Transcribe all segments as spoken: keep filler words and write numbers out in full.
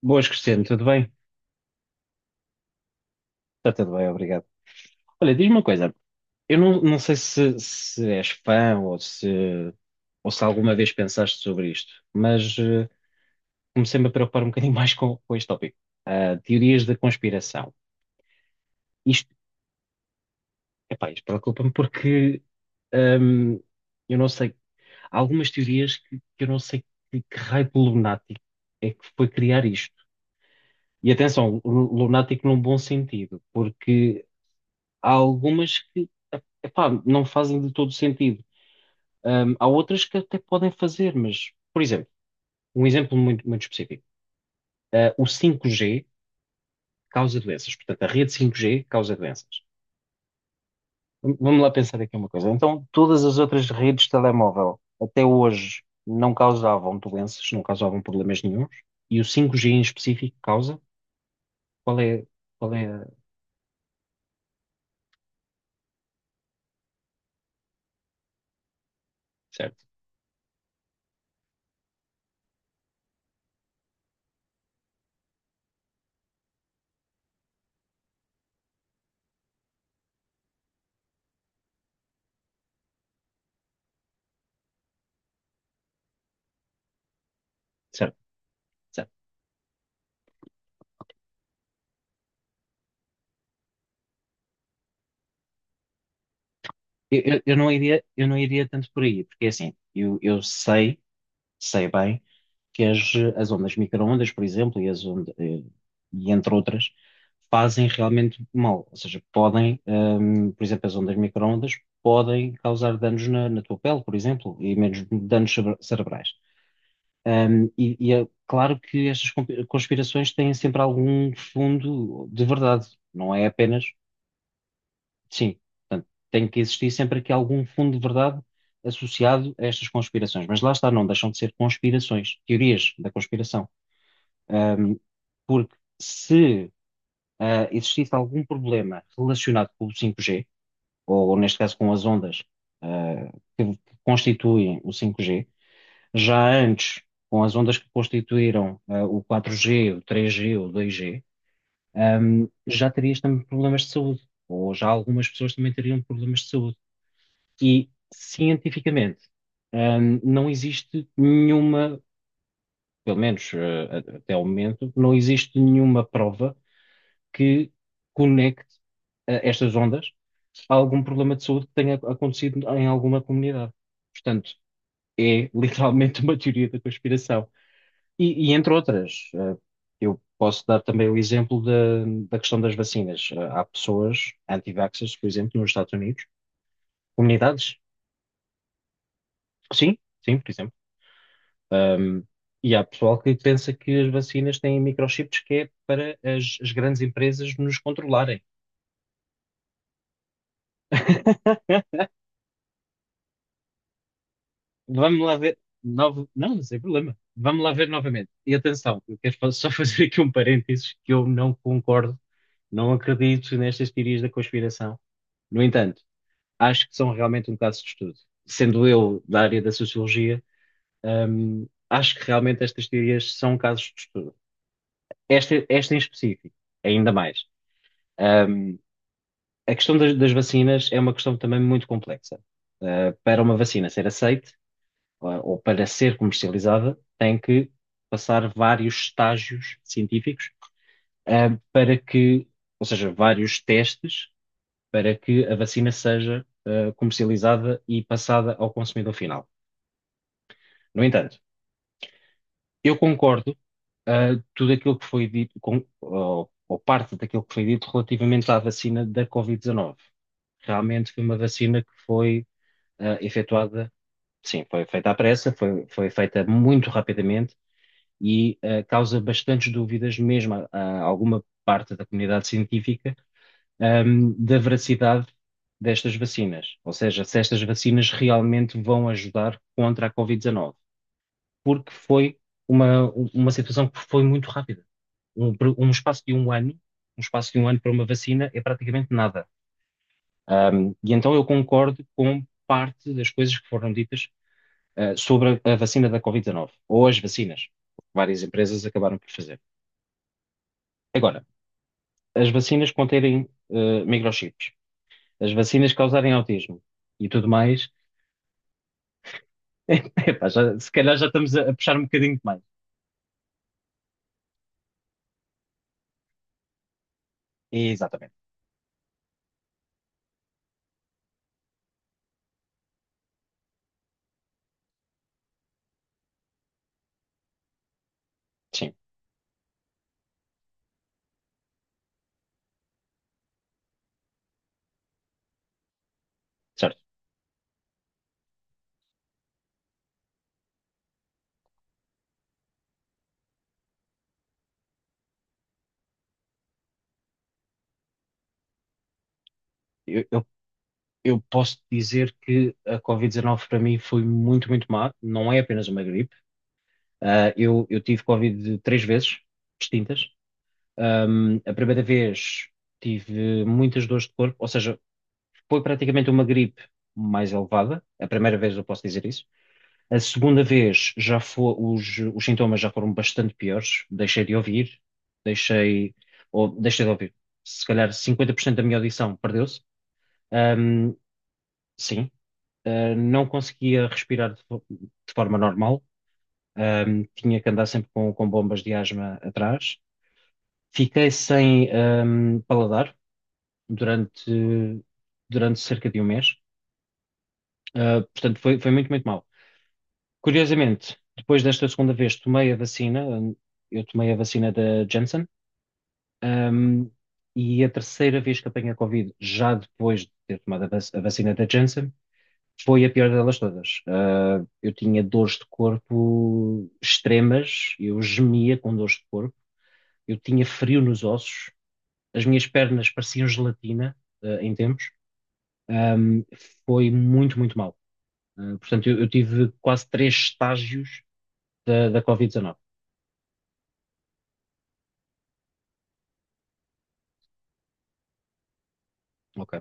Boas, Cristiano, tudo bem? Está tudo bem, obrigado. Olha, diz-me uma coisa, eu não, não sei se, se és fã ou se, ou se alguma vez pensaste sobre isto, mas eh, comecei-me a preocupar um bocadinho mais com, com este tópico. Ah, teorias da conspiração. Isto, Epá, isto preocupa-me porque ahm, eu não sei, há algumas teorias que, que eu não sei que, que raio de lunático é que foi criar isto. E atenção, lu- lunático num bom sentido, porque... Há algumas que, epá, não fazem de todo sentido. Ahm, há outras que até podem fazer, mas, por exemplo, um exemplo muito, muito específico. Ah, o cinco G causa doenças. Portanto, a rede cinco G causa doenças. V- Vamos lá pensar aqui uma coisa. Então, todas as outras redes de telemóvel até hoje não causavam doenças, não causavam problemas nenhuns. E o cinco G em específico causa? Qual é, qual é a- Certo, certo, certo. Eu, eu- eu não iria, eu não iria tanto por aí, porque é assim, eu, eu sei, sei bem que as, as ondas micro-ondas, por exemplo, e, as ondas, eh, e entre outras, fazem realmente mal. Ou seja, podem, hum, por exemplo, as ondas micro-ondas podem causar danos na, na tua pele, por exemplo, e menos danos cere- cerebrais. Hum, e, e é claro que estas compi- conspirações têm sempre algum fundo de verdade, não é apenas, sim, portanto, tem que existir sempre aqui algum fundo de verdade associado a estas conspirações. Mas lá está, não deixam de ser conspirações, teorias da conspiração. Hum, Porque se ah, existisse algum problema relacionado com o cinco G, ou ou neste caso com as ondas ah, que, que constituem o cinco G, já antes, com as ondas que constituíram ah, o quatro G, o três G, ou o dois G, ahm, já terias também problemas de saúde, ou já algumas pessoas também teriam problemas de saúde. E cientificamente, ahm, não existe nenhuma, pelo menos eh, a- até ao momento, não existe nenhuma prova que conecte eh, estas ondas a algum problema de saúde que tenha acontecido em alguma comunidade. Portanto, é literalmente uma teoria da conspiração. E, e entre outras, eh, eu posso dar também o exemplo da, da questão das vacinas. Eh, Há pessoas anti-vaxxers, por exemplo, nos Estados Unidos, comunidades, sim, sim, por exemplo. Ahm, e há pessoal que pensa que as vacinas têm microchips que é para as as grandes empresas nos controlarem. Vamos lá ver. Novo... Não, sem problema. Vamos lá ver novamente. E atenção, eu quero fa- só fazer aqui um parênteses que eu não concordo, não acredito nestas teorias da conspiração. No entanto, acho que são realmente um caso de estudo. Sendo eu da área da sociologia, hum, acho que realmente estas teorias são casos de estudo. Esta, esta em específico, ainda mais. Hum, a questão das, das vacinas é uma questão também muito complexa. Uh, para uma vacina ser aceite, ah, ou para ser comercializada, tem que passar vários estágios científicos, ah, para que, ou seja, vários testes para que a vacina seja, ah, comercializada e passada ao consumidor final. No entanto, eu concordo, ah, tudo aquilo que foi dito, com, ou, ou parte daquilo que foi dito relativamente à vacina da Covid dezenove. Realmente foi uma vacina que foi, ah, efetuada. Sim, foi feita à pressa, foi, foi feita muito rapidamente e eh, causa bastantes dúvidas, mesmo a, a alguma parte da comunidade científica, ahm, da veracidade destas vacinas. Ou seja, se estas vacinas realmente vão ajudar contra a Covid dezenove, porque foi uma, uma situação que foi muito rápida. Um, um espaço de um ano, um espaço de um ano para uma vacina é praticamente nada. Ahm, e então eu concordo com parte das coisas que foram ditas, eh, sobre a, a vacina da Covid dezenove, ou as vacinas, várias empresas acabaram por fazer. Agora, as vacinas conterem eh, microchips, as vacinas causarem autismo e tudo mais, epá, já- se calhar já estamos a, a puxar um bocadinho demais. Exatamente, sim, certo. Eu, eu, eu posso dizer que a Covid dezenove para mim foi muito, muito má, não é apenas uma gripe. Ah, eu, eu tive Covid três vezes distintas. Ahm, a primeira vez tive muitas dores de corpo, ou seja, foi praticamente uma gripe mais elevada. A primeira vez eu posso dizer isso. A segunda vez já foi, os, os sintomas já foram bastante piores. Deixei de ouvir, deixei, ou deixei de ouvir. Se calhar cinquenta por cento da minha audição perdeu-se. Ahm, sim. Ah, não conseguia respirar de, fo- de forma normal. Ahm, tinha que andar sempre com, com bombas de asma atrás. Fiquei sem, ahm, paladar durante, durante cerca de um mês. Ah, portanto, foi, foi muito, muito mal. Curiosamente, depois desta segunda vez tomei a vacina, hum, eu tomei a vacina da Janssen, ahm, e a terceira vez que apanhei a Covid, já depois de ter tomado a vac- a vacina da Janssen, foi a pior delas todas. Ah, eu tinha dores de corpo extremas, eu gemia com dores de corpo, eu tinha frio nos ossos, as minhas pernas pareciam gelatina, ah, em tempos. Ahm, Foi muito, muito mal. Ah, portanto, eu, eu tive quase três estágios da, da Covid dezenove. Ok.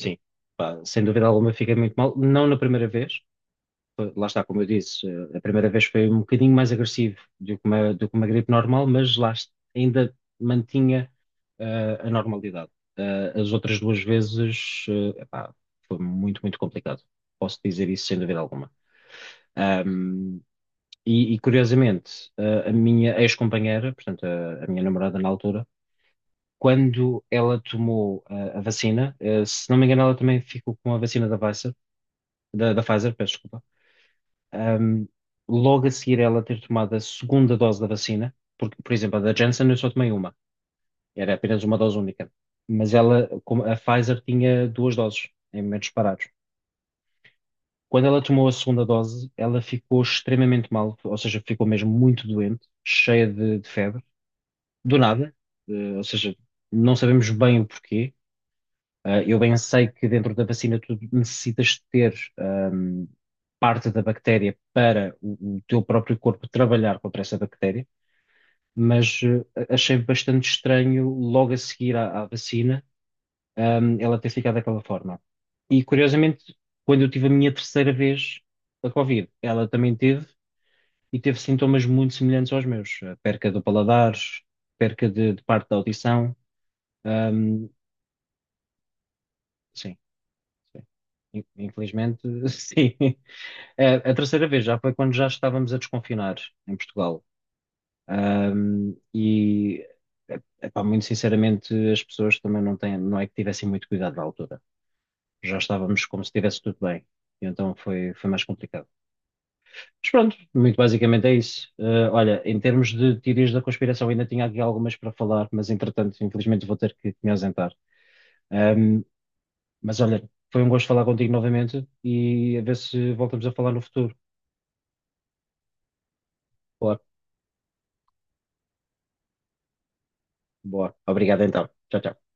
Sim, pá, sem dúvida alguma fiquei muito mal. Não na primeira vez. Foi- lá está, como eu disse, eh, a primeira vez foi um bocadinho mais agressivo do que uma, do que uma gripe normal, mas lá est- ainda mantinha eh, a normalidade. Eh, as outras duas vezes, eh, epá, foi muito, muito complicado. Posso dizer isso sem dúvida alguma. Ahm, e, e, Curiosamente, eh, a minha ex-companheira, portanto, a, a minha namorada na altura, quando ela tomou eh, a vacina, eh, se não me engano, ela também ficou com a vacina da Pfizer da, da Pfizer, peço desculpa, ahm, logo a seguir ela ter tomado a segunda dose da vacina, porque, por exemplo, a da Janssen eu só tomei uma, era apenas uma dose única, mas ela, como a Pfizer tinha duas doses em momentos separados. Quando ela tomou a segunda dose, ela ficou extremamente mal, ou seja, ficou mesmo muito doente, cheia de, de febre, do nada, eh, ou seja, não sabemos bem o porquê. Ah, eu bem sei que dentro da vacina tu necessitas ter ahm, parte da bactéria para o, o teu próprio corpo trabalhar contra essa bactéria, mas eh, achei bastante estranho logo a seguir à, à vacina, ahm, ela ter ficado daquela forma. E curiosamente, quando eu tive a minha terceira vez da Covid, ela também teve e teve sintomas muito semelhantes aos meus, eh, perca do paladar, perca de, de parte da audição, ahm, sim. Sim. In- Infelizmente, sim. A, a terceira vez já foi quando já estávamos a desconfinar em Portugal. Ahm, e, eh, Epá, muito sinceramente, as pessoas também não têm, não é que tivessem muito cuidado na altura. Já estávamos como se estivesse tudo bem. E então foi, foi, mais complicado. Mas pronto, muito basicamente é isso. Ah, olha, em termos de teorias da conspiração, ainda tinha aqui algumas para falar, mas entretanto, infelizmente, vou ter que me ausentar. Ahm, Mas olha, foi um gosto falar contigo novamente e a ver se voltamos a falar no futuro. Boa, boa. Obrigado então. Tchau, tchau.